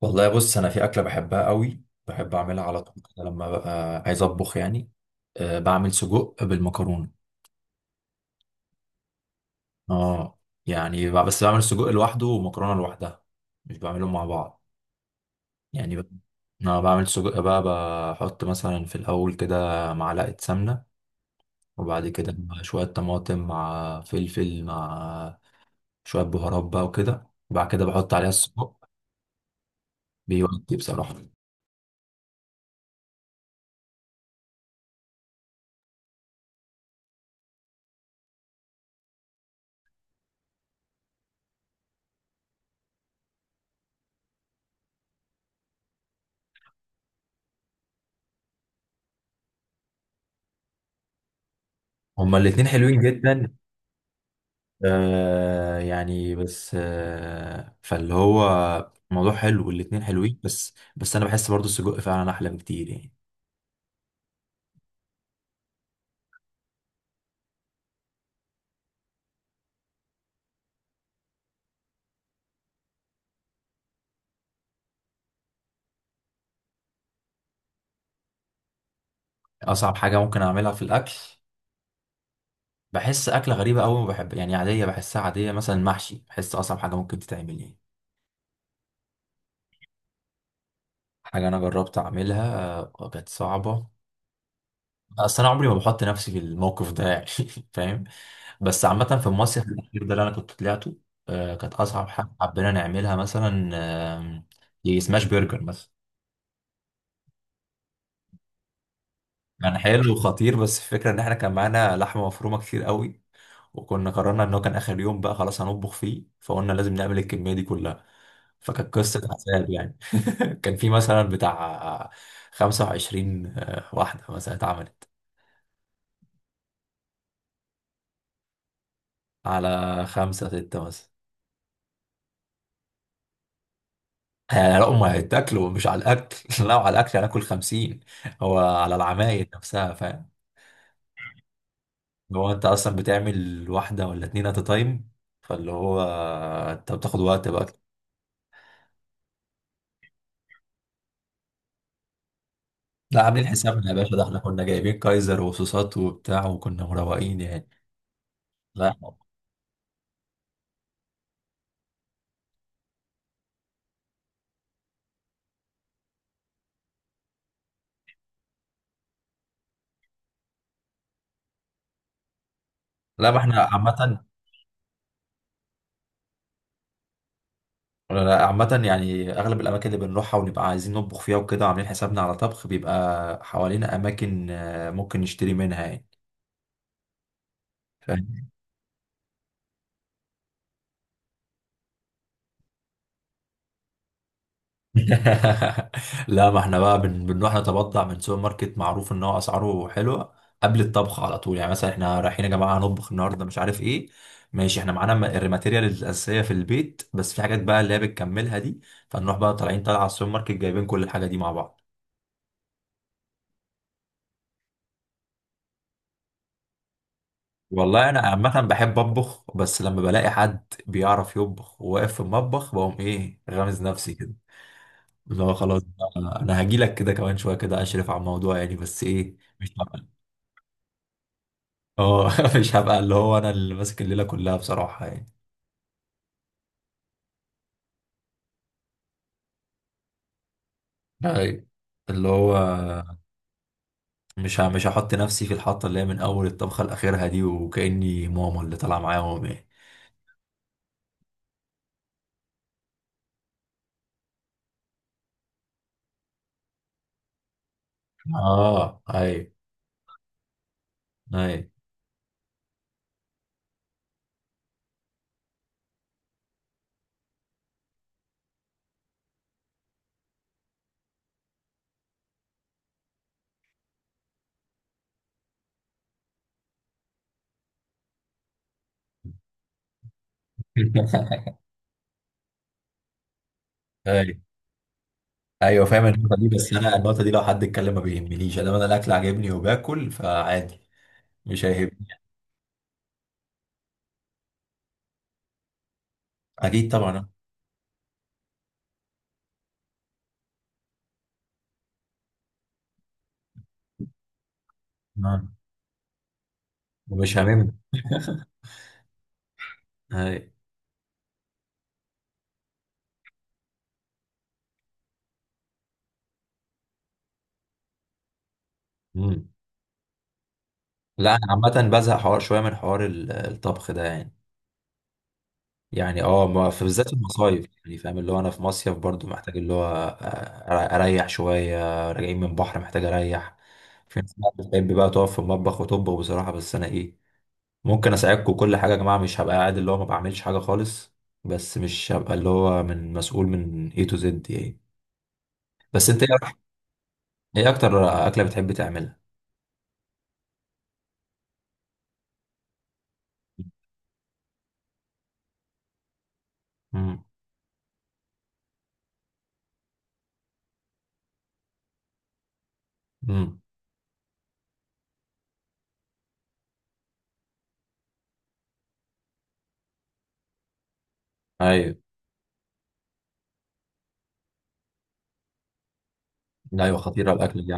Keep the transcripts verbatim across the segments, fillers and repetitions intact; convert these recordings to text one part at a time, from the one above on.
والله بص انا في اكله بحبها قوي بحب اعملها على طول كده لما ببقى عايز اطبخ يعني. أه بعمل سجق بالمكرونه. اه يعني ب- بس بعمل سجق لوحده ومكرونه لوحدها، مش بعملهم مع بعض. يعني ب- انا بعمل سجق بقى، بحط مثلا في الاول كده معلقه سمنه، وبعد كده مع شويه طماطم مع فلفل مع شويه بهارات بقى وكده، وبعد كده بحط عليها السجق. بيودي بصراحه. هما الاتنين حلوين جدا. آه يعني بس آه فاللي هو الموضوع حلو والاتنين حلوين، بس بس انا بحس برضو السجق فعلا احلى بكتير يعني. اصعب حاجه ممكن اعملها في الاكل، بحس اكله غريبه قوي، ما بحب يعني، عاديه، بحسها عاديه. مثلا المحشي بحس اصعب حاجه ممكن تتعمل يعني. حاجه انا جربت اعملها، آه، كانت صعبه. اصل انا عمري ما بحط نفسي في الموقف ده يعني فاهم. بس عامه في المصيف الاخير ده اللي انا كنت طلعته، آه كانت اصعب حاجه حبينا نعملها مثلا، آه، سماش برجر مثلا. كان حلو وخطير، بس الفكرة ان احنا كان معانا لحمة مفرومة كتير قوي، وكنا قررنا ان هو كان اخر يوم بقى، خلاص هنطبخ فيه، فقلنا لازم نعمل الكمية دي كلها، فكانت قصة عذاب يعني. كان في مثلا بتاع خمسة وعشرين واحدة مثلا اتعملت. على خمسة ستة مثلا يعني. لا، هم هيتاكلوا مش على الاكل لا على الاكل هناكل خمسين، هو على العمايل نفسها، فاهم؟ هو انت اصلا بتعمل واحدة ولا اتنين ات تايم؟ فاللي هو انت بتاخد وقت بقى. لا عاملين حسابنا يا باشا، ده احنا كنا جايبين كايزر وصوصات وبتاع، وكنا مروقين يعني. لا لا ما احنا عامة. لا، عامة يعني أغلب الأماكن اللي بنروحها ونبقى عايزين نطبخ فيها وكده وعاملين حسابنا على طبخ، بيبقى حوالينا أماكن آه، ممكن نشتري منها يعني. لا ما احنا بقى بن... بنروح نتبضع من سوبر ماركت معروف ان هو اسعاره حلوه قبل الطبخ على طول. يعني مثلا احنا رايحين يا جماعه هنطبخ النهارده مش عارف ايه، ماشي احنا معانا م- الماتيريال الاساسيه في البيت، بس في حاجات بقى اللي هي بتكملها دي، فنروح بقى طالعين طالعه على السوبر ماركت جايبين كل الحاجه دي مع بعض. والله انا عامه بحب اطبخ، بس لما بلاقي حد بيعرف يطبخ وواقف في المطبخ بقوم ايه غامز نفسي كده، اللي هو خلاص بقى انا هجي لك كده كمان شويه كده اشرف على الموضوع يعني، بس ايه مش، اه مش هبقى اللي هو انا اللي ماسك الليله كلها بصراحه يعني. أي. اللي هو مش ه- مش هحط نفسي في الحطه اللي هي من اول الطبخه لاخرها دي وكاني ماما اللي طالعه معاهم يعني. اه اي. اي اي. ايوه فاهم النقطه دي، بس انا النقطه دي لو حد اتكلم ما بيهمنيش، انا انا الاكل عاجبني وباكل فعادي، مش هيهمني. اكيد طبعا. آه. ومش هاممني. اي. مم. لا انا عامه بزهق حوار شويه من حوار ال- الطبخ ده يعني. يعني اه ما- في بالذات المصايف يعني فاهم، اللي هو انا في مصيف برضو محتاج اللي هو آه، اريح شويه. راجعين من بحر محتاج اريح. في ناس بقى بتحب بقى تقف في المطبخ وتطبخ بصراحه، بس انا ايه، ممكن اساعدكم كل حاجه يا جماعه، مش هبقى قاعد اللي هو ما بعملش حاجه خالص، بس مش هبقى اللي هو من مسؤول من A to Z يعني. بس انت ايه أك- إيه اكتر اكله بتحب تعملها؟ امم. امم. ايوه. ايوه خطيره الاكل دي.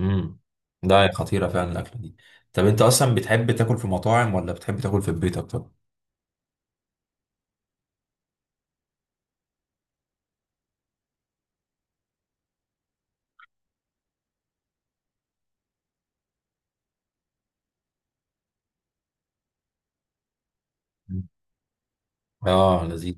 امم. ده هي خطيرة فعلا الأكلة دي. طب أنت أصلا بتحب تاكل في مطاعم ولا بتحب تاكل في البيت أكتر؟ مم. آه لذيذ.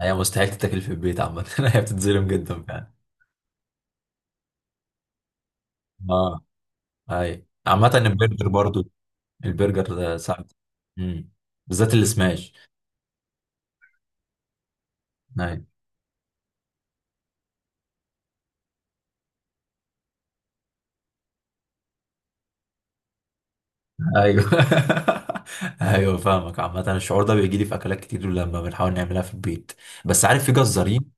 هي مستحيل تتاكل في البيت عامة هي بتتظلم جدا فعلا. آه أي، عامة البرجر برضو، البرجر ده صعب. امم. بالذات السماش. أي. أيوه أيوه فاهمك، عامة الشعور ده بيجي لي في أكلات كتير لما بنحاول نعملها في البيت، بس عارف في جزارين،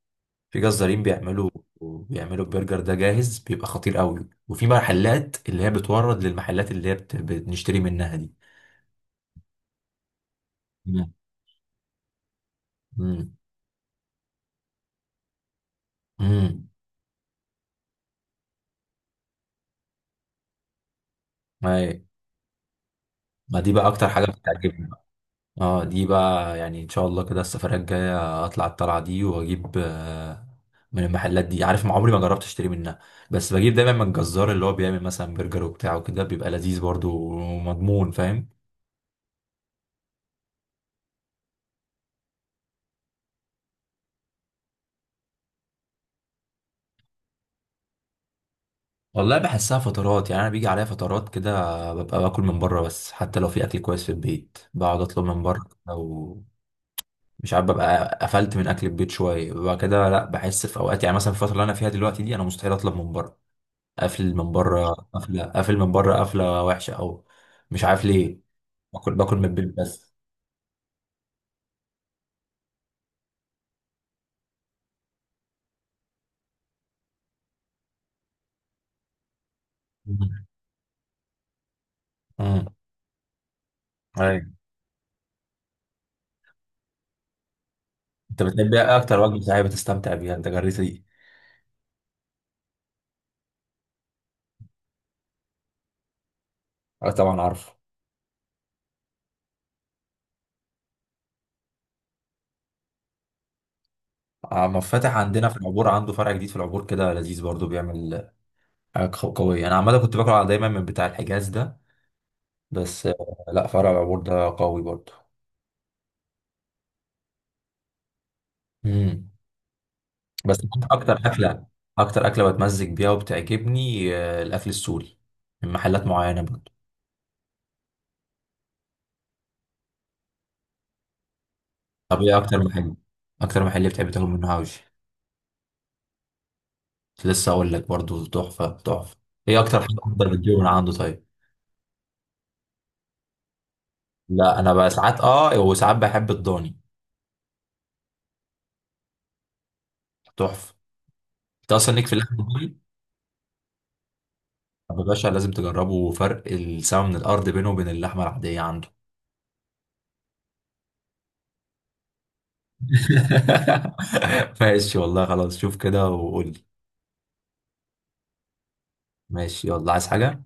في جزارين بيعملوا، بيعملوا البرجر ده جاهز، بيبقى خطير قوي. وفي محلات اللي هي بتورد للمحلات اللي هي بت- بنشتري منها دي. مم. مم. مم. أي. ما دي بقى اكتر حاجه بتعجبني بقى. اه دي بقى يعني ان شاء الله كده السفريه الجايه اطلع الطلعه دي واجيب آه، من المحلات دي، عارف ما عمري ما جربت اشتري منها، بس بجيب دايما من الجزار اللي هو بيعمل مثلا برجر وبتاع وكده بيبقى لذيذ برضو ومضمون، فاهم؟ والله بحسها فترات يعني، انا بيجي عليا فترات كده ببقى باكل من بره، بس حتى لو في اكل كويس في البيت بقعد اطلب من بره. او مش عارف، ببقى قفلت من اكل البيت شويه، ببقى كده، لا بحس في اوقات يعني مثلا في الفتره اللي انا فيها دلوقتي دي انا مستحيل اطلب من بره، قافل من بره. قافله قافل من بره، قافله وحشه، او مش عارف ليه، باكل، باكل من البيت بس. مم. مم. ايوه. انت بتحب ايه اكتر وجبه صحيه بتستمتع بيها انت جريت دي؟ اه طبعا عارف. عم فتح عندنا في العبور عنده فرع جديد في العبور، كده لذيذ برضو بيعمل، آه، ق- قوية. أنا عامة كنت باكل على- دايما من بتاع الحجاز ده، بس آه، لا فرع العبور ده قوي برضه. مم. بس أكتر أكلة، أكتر أكلة بتمزج بيها وبتعجبني، آه، الأكل السوري من محلات معينة برضه. طب إيه أكتر محل أكتر محل بتحب تاكل منه حواوشي؟ كنت لسه أقول لك برضه، تحفة تحفة. إيه أكتر حاجة أفضل بتجيبه من عنده طيب؟ لا أنا بقى ساعات أه وساعات بحب الضاني. تحفة. أنت أصلا ليك في اللحمة الضاني؟ طب يا باشا لازم تجربوا، فرق السما من الأرض بينه وبين اللحمة العادية عنده. ماشي والله خلاص، شوف كده وقول لي. ماشي، يلا عايز حاجة؟